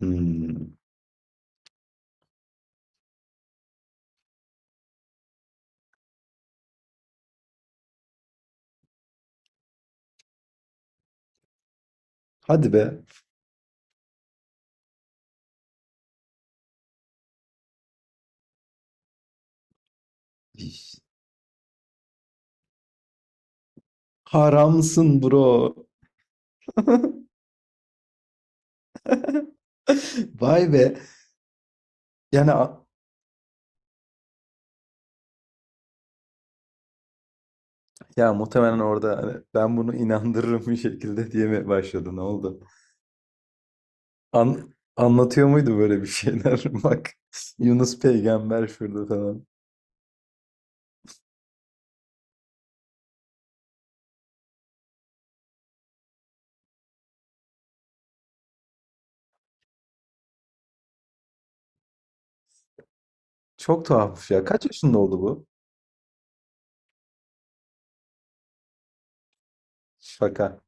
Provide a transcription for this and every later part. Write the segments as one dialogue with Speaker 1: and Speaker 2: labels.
Speaker 1: Hmm, hadi be. Haramsın bro. Vay be. Yani a- ya muhtemelen orada hani ben bunu inandırırım bir şekilde diye mi başladı? Ne oldu? Anlatıyor muydu böyle bir şeyler? Bak, Yunus peygamber şurada falan. Çok tuhafmış ya. Kaç yaşında oldu bu? Şaka.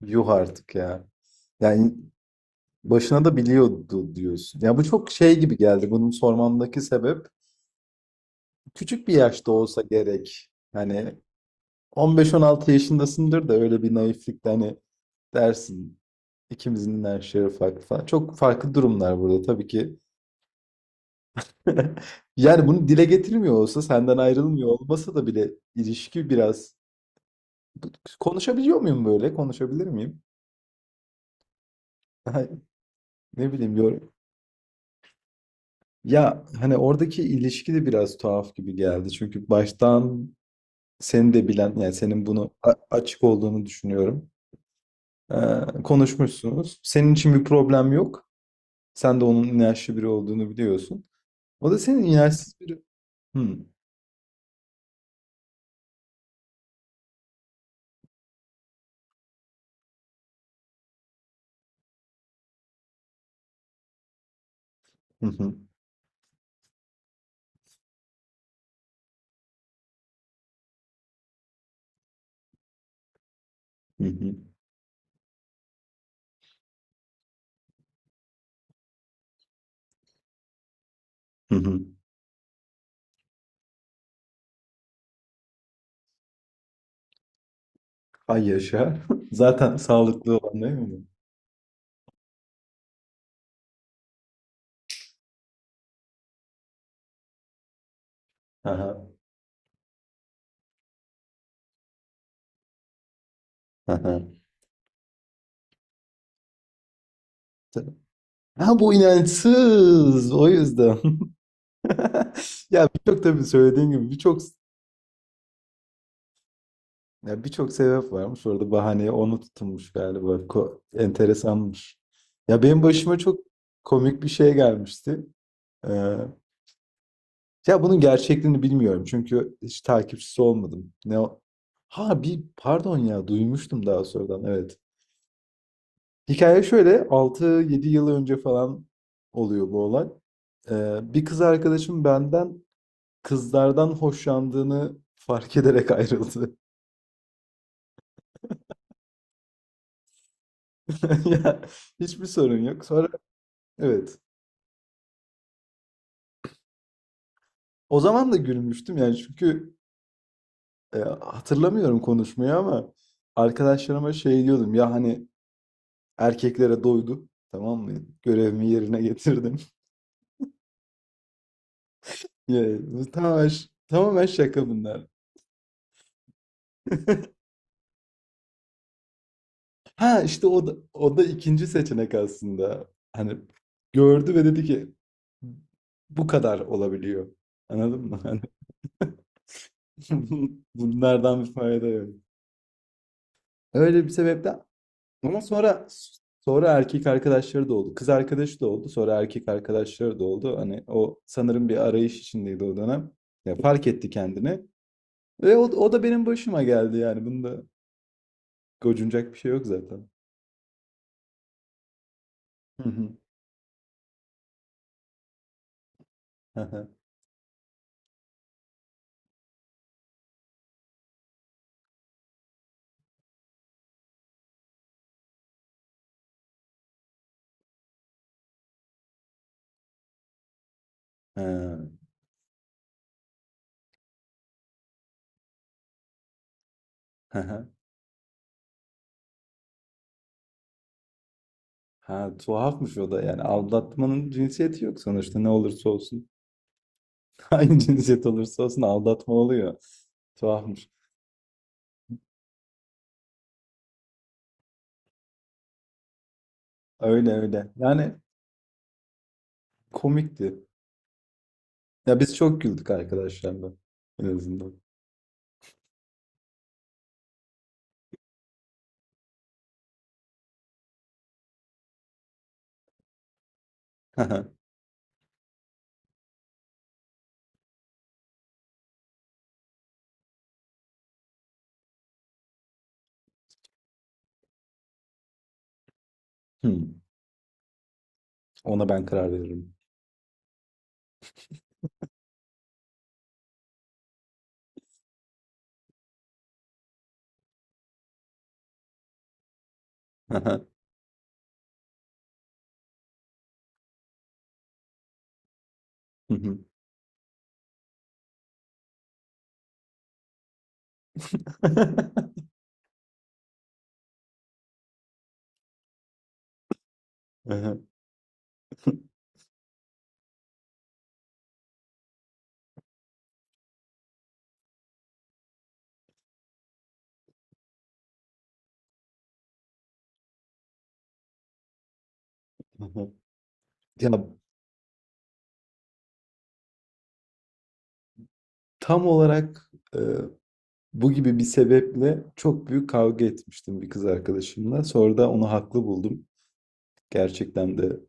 Speaker 1: Yuh artık ya. Yani başına da biliyordu diyorsun. Ya bu çok şey gibi geldi. Bunun sormamdaki sebep küçük bir yaşta olsa gerek. Hani 15-16 yaşındasındır da öyle bir naiflikle hani dersin, ikimizin yaşları farklı falan. Çok farklı durumlar burada tabii ki. Yani bunu dile getirmiyor olsa, senden ayrılmıyor olmasa da bile ilişki biraz. Konuşabiliyor muyum böyle? Konuşabilir miyim? Ne bileyim, yorum. Ya hani oradaki ilişki de biraz tuhaf gibi geldi. Çünkü baştan seni de bilen, yani senin bunu a- açık olduğunu düşünüyorum. Ee, Konuşmuşsunuz. Senin için bir problem yok. Sen de onun inançlı biri olduğunu biliyorsun. O da senin inançsız biri. Hı. Hı hı. Hı hı. Hı hı. Ay yaşa. Zaten sağlıklı olan değil mi bu? Aha. Aha. Ha bu inançsız. O yüzden. Ya birçok, tabii söylediğin gibi, birçok, ya birçok sebep varmış. Orada bahaneye onu tutulmuş galiba. Ko- enteresanmış. Ya benim başıma çok komik bir şey gelmişti. Ya bunun gerçekliğini bilmiyorum çünkü hiç takipçisi olmadım. Ne o- ha bir pardon, ya duymuştum daha sonradan, evet. Hikaye şöyle, altı yedi yıl önce falan oluyor bu olay. Bir kız arkadaşım benden kızlardan hoşlandığını fark ederek ayrıldı. Ya, hiçbir sorun yok. Sonra, evet. O zaman da gülmüştüm yani, çünkü hatırlamıyorum konuşmayı ama arkadaşlarıma şey diyordum ya, hani erkeklere doydu. Tamam mı? Görevimi yerine getirdim. Tamamen şaka bunlar. Ha işte o da ikinci seçenek aslında. Hani gördü ve dedi ki bu kadar olabiliyor. Anladın mı? Hani bunlardan bir fayda yok. Öyle bir sebepten. Ama sonra, sonra erkek arkadaşları da oldu. Kız arkadaşı da oldu. Sonra erkek arkadaşları da oldu. Hani o sanırım bir arayış içindeydi o dönem. Ya fark etti kendini. Ve o da benim başıma geldi yani. Bunda gocunacak bir şey yok zaten. Hı hı. Hı hı. Ha, hı hı. Ha, tuhafmış o da yani. Aldatmanın cinsiyeti yok sonuçta, ne olursa olsun. Hangi cinsiyet olursa olsun aldatma oluyor. Tuhafmış. Öyle öyle. Yani komikti. Ya biz çok güldük arkadaşlarla. En azından. Hı hı. Hı. Ona ben karar veririm. Hı hı. Hı hı. Hı hı. Hı hı. Ya tam olarak bu gibi bir sebeple çok büyük kavga etmiştim bir kız arkadaşımla. Sonra da onu haklı buldum. Gerçekten de,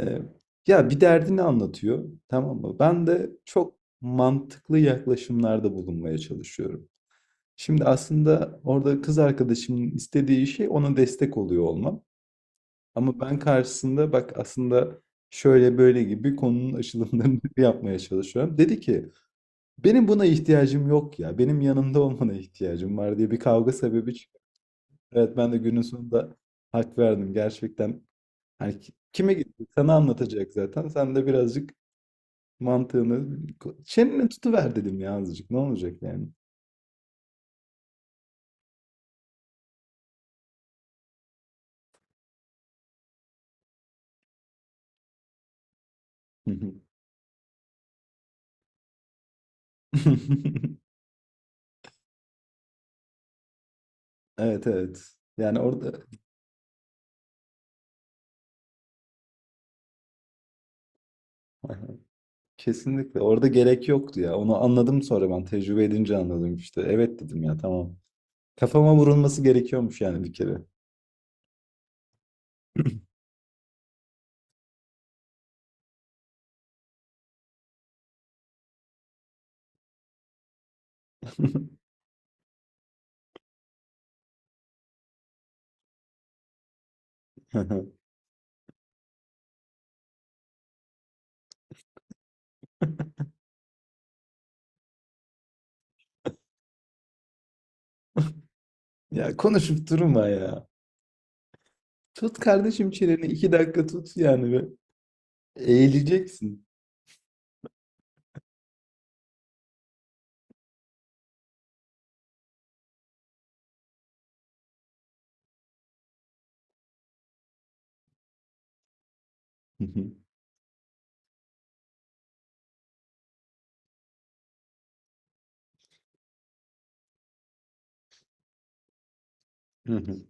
Speaker 1: e, ya bir derdini anlatıyor, tamam mı? Ben de çok mantıklı yaklaşımlarda bulunmaya çalışıyorum. Şimdi aslında orada kız arkadaşımın istediği şey ona destek oluyor olmam. Ama ben karşısında, bak aslında şöyle böyle gibi, konunun açılımlarını yapmaya çalışıyorum. Dedi ki benim buna ihtiyacım yok ya. Benim yanımda olmana ihtiyacım var, diye bir kavga sebebi çıktı. Evet, ben de günün sonunda hak verdim. Gerçekten hani ki- kime gitti? Sana anlatacak zaten. Sen de birazcık mantığını, çeneni tutuver dedim ya, azıcık. Ne olacak yani? Evet evet. Yani orada. Kesinlikle. Orada gerek yoktu ya. Onu anladım sonra ben. Tecrübe edince anladım işte. Evet dedim ya, tamam. Kafama vurulması gerekiyormuş yani bir kere. Ya konuşup durma ya. Tut kardeşim çeneni. İki dakika tut yani ve eğileceksin. Hı hı, hı hı,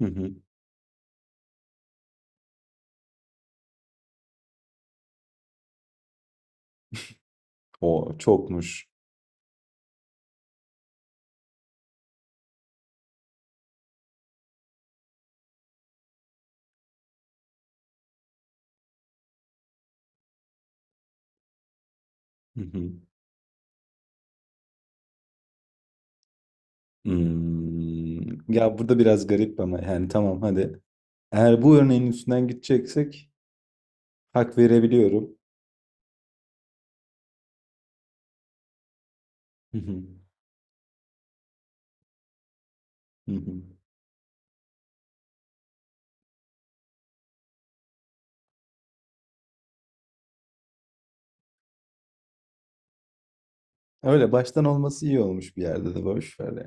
Speaker 1: hı hı. O çokmuş. Hı hı. Hmm. Ya burada biraz garip ama yani tamam, hadi. Eğer bu örneğin üstünden gideceksek hak verebiliyorum. Hı hı, hı hı. Öyle baştan olması iyi olmuş, bir yerde de boş ver yani.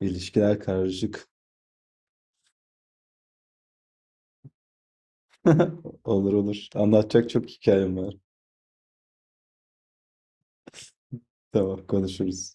Speaker 1: İlişkiler karışık. Olur olur. Anlatacak çok hikayem var. Tamam, konuşuruz.